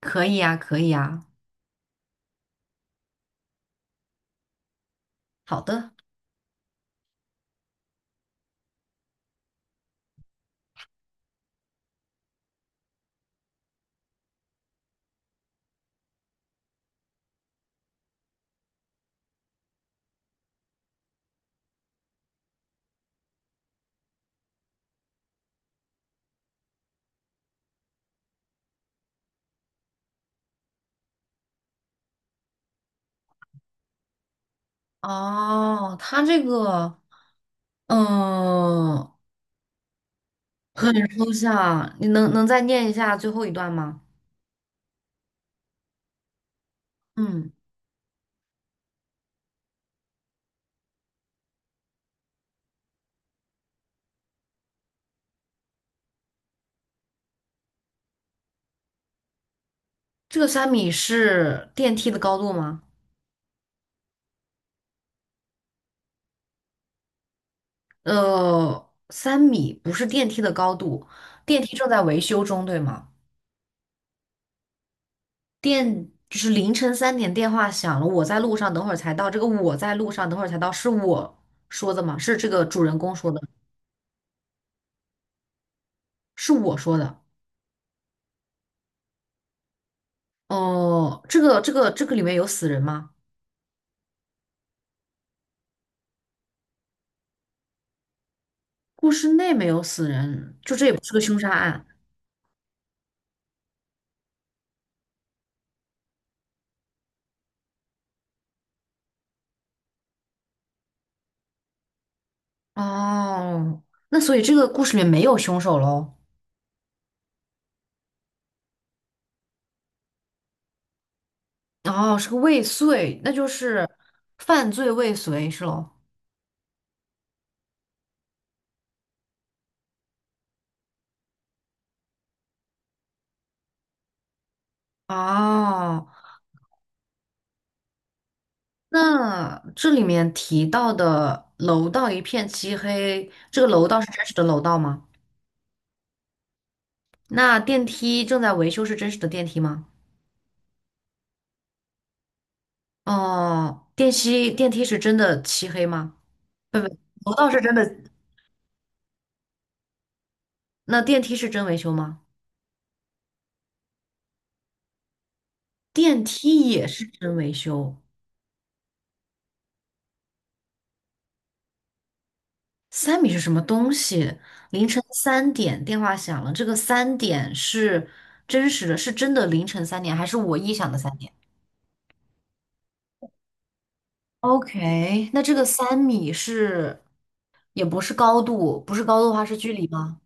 可以呀，可以呀。好的。哦，它这个，嗯，很抽象。你能再念一下最后一段吗？嗯，这个三米是电梯的高度吗？三米不是电梯的高度，电梯正在维修中，对吗？电就是凌晨三点电话响了，我在路上，等会儿才到。这个我在路上，等会儿才到，是我说的吗？是这个主人公说的，是我说的。哦，这个里面有死人吗？故事内没有死人，就这也不是个凶杀案。哦，那所以这个故事里面没有凶手喽？哦，是个未遂，那就是犯罪未遂是喽？哦，那这里面提到的楼道一片漆黑，这个楼道是真实的楼道吗？那电梯正在维修是真实的电梯吗？哦，电梯电梯是真的漆黑吗？不不，楼道是真的，那电梯是真维修吗？电梯也是真维修。三米是什么东西？凌晨三点电话响了，这个三点是真实的，是真的凌晨三点，还是我臆想的三点？OK,那这个三米是，也不是高度，不是高度的话是距离吗？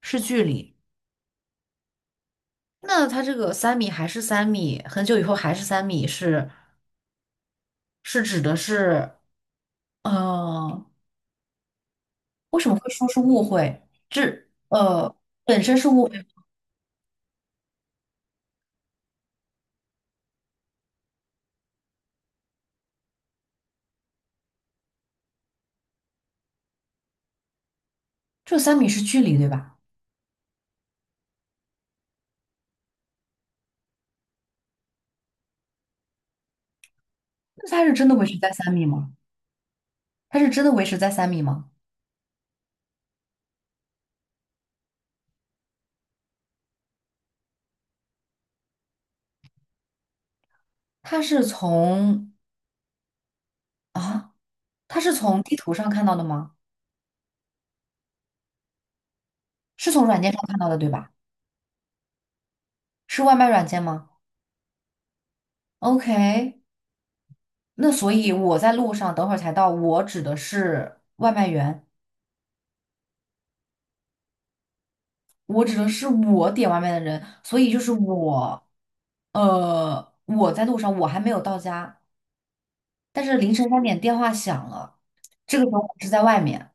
是距离。那它这个三米还是三米，很久以后还是三米是，是指的是，呃，为什么会说是误会？这呃本身是误会，这三米是距离对吧？那它是真的维持在三米吗？他是真的维持在三米吗？他是从啊，他是从地图上看到的吗？是从软件上看到的，对吧？是外卖软件吗？OK,那所以我在路上等会儿才到，我指的是外卖员，我指的是我点外卖的人，所以就是我，我在路上，我还没有到家，但是凌晨三点电话响了，这个时候我是在外面，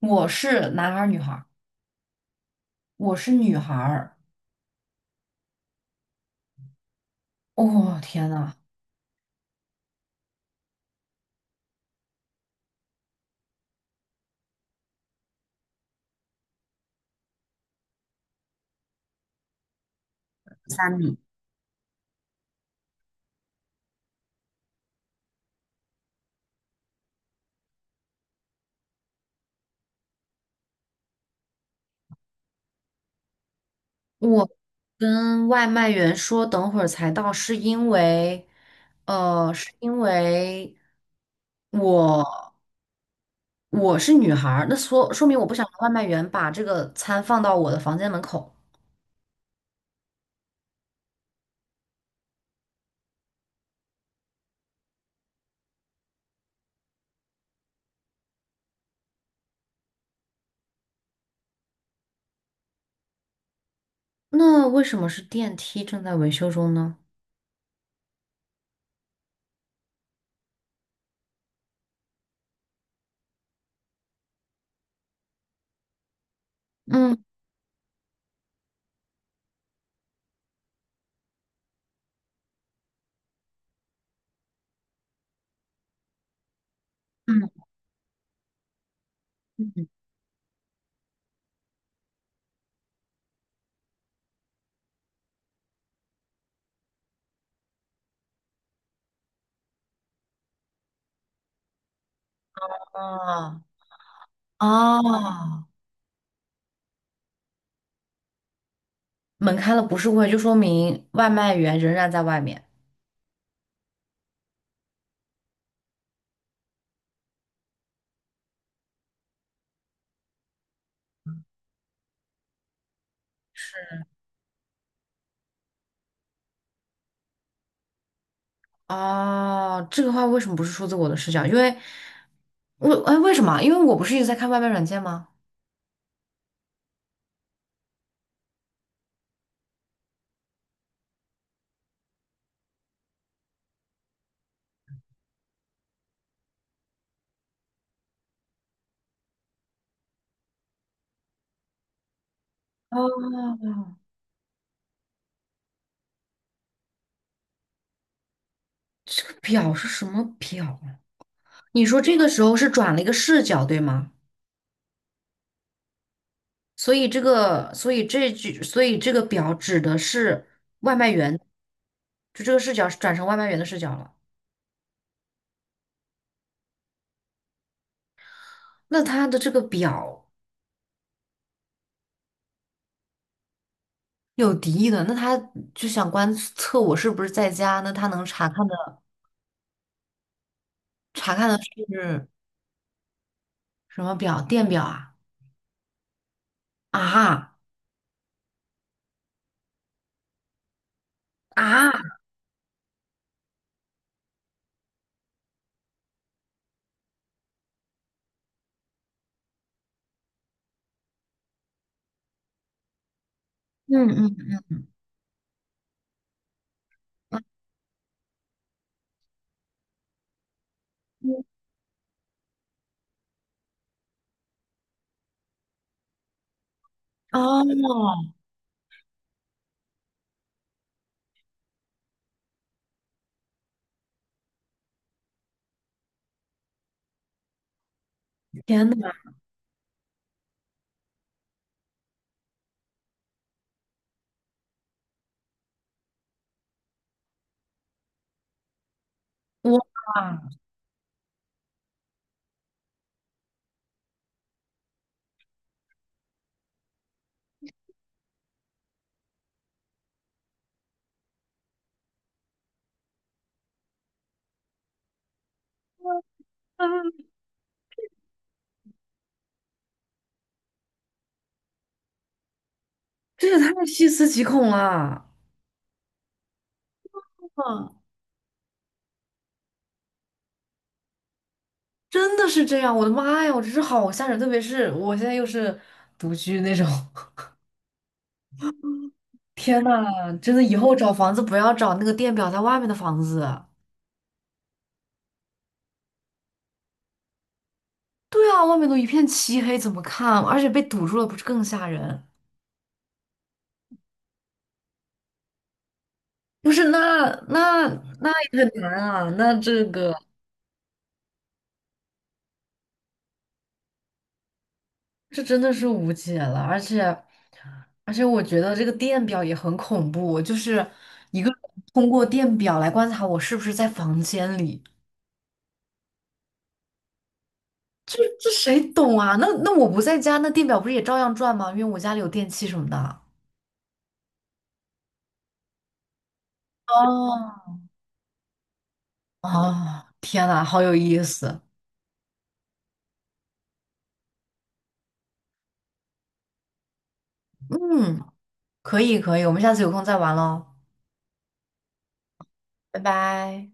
我是男孩儿女孩儿？我是女孩儿。哦，天呐，三米。我跟外卖员说等会儿才到，是因为，是因为我我是女孩儿，那说明我不想让外卖员把这个餐放到我的房间门口。那为什么是电梯正在维修中呢？嗯。嗯嗯。啊啊，门开了不是会，就说明外卖员仍然在外面。哦，这个话为什么不是出自我的视角？因为为什么？因为我不是一直在看外卖软件吗？哦，这个表是什么表啊？你说这个时候是转了一个视角，对吗？所以这个，所以这句，所以这个表指的是外卖员，就这个视角是转成外卖员的视角了。那他的这个表有敌意的，那他就想观测我是不是在家，那他能查看的查看的是什么表？电表啊？啊。啊！嗯。嗯嗯。哦，天哪，哇，嗯，这也太细思极恐了。啊，真的是这样，我的妈呀，我真是好吓人，特别是我现在又是独居那种，天呐，真的以后找房子不要找那个电表在外面的房子。对啊，外面都一片漆黑，怎么看？而且被堵住了，不是更吓人？不是，那那也很难啊，那这个。这真的是无解了，而且，而且我觉得这个电表也很恐怖，就是一个人通过电表来观察我是不是在房间里，这谁懂啊？那那我不在家，那电表不是也照样转吗？因为我家里有电器什么的。哦，哦，天呐，好有意思，嗯，可以可以，我们下次有空再玩喽，拜拜。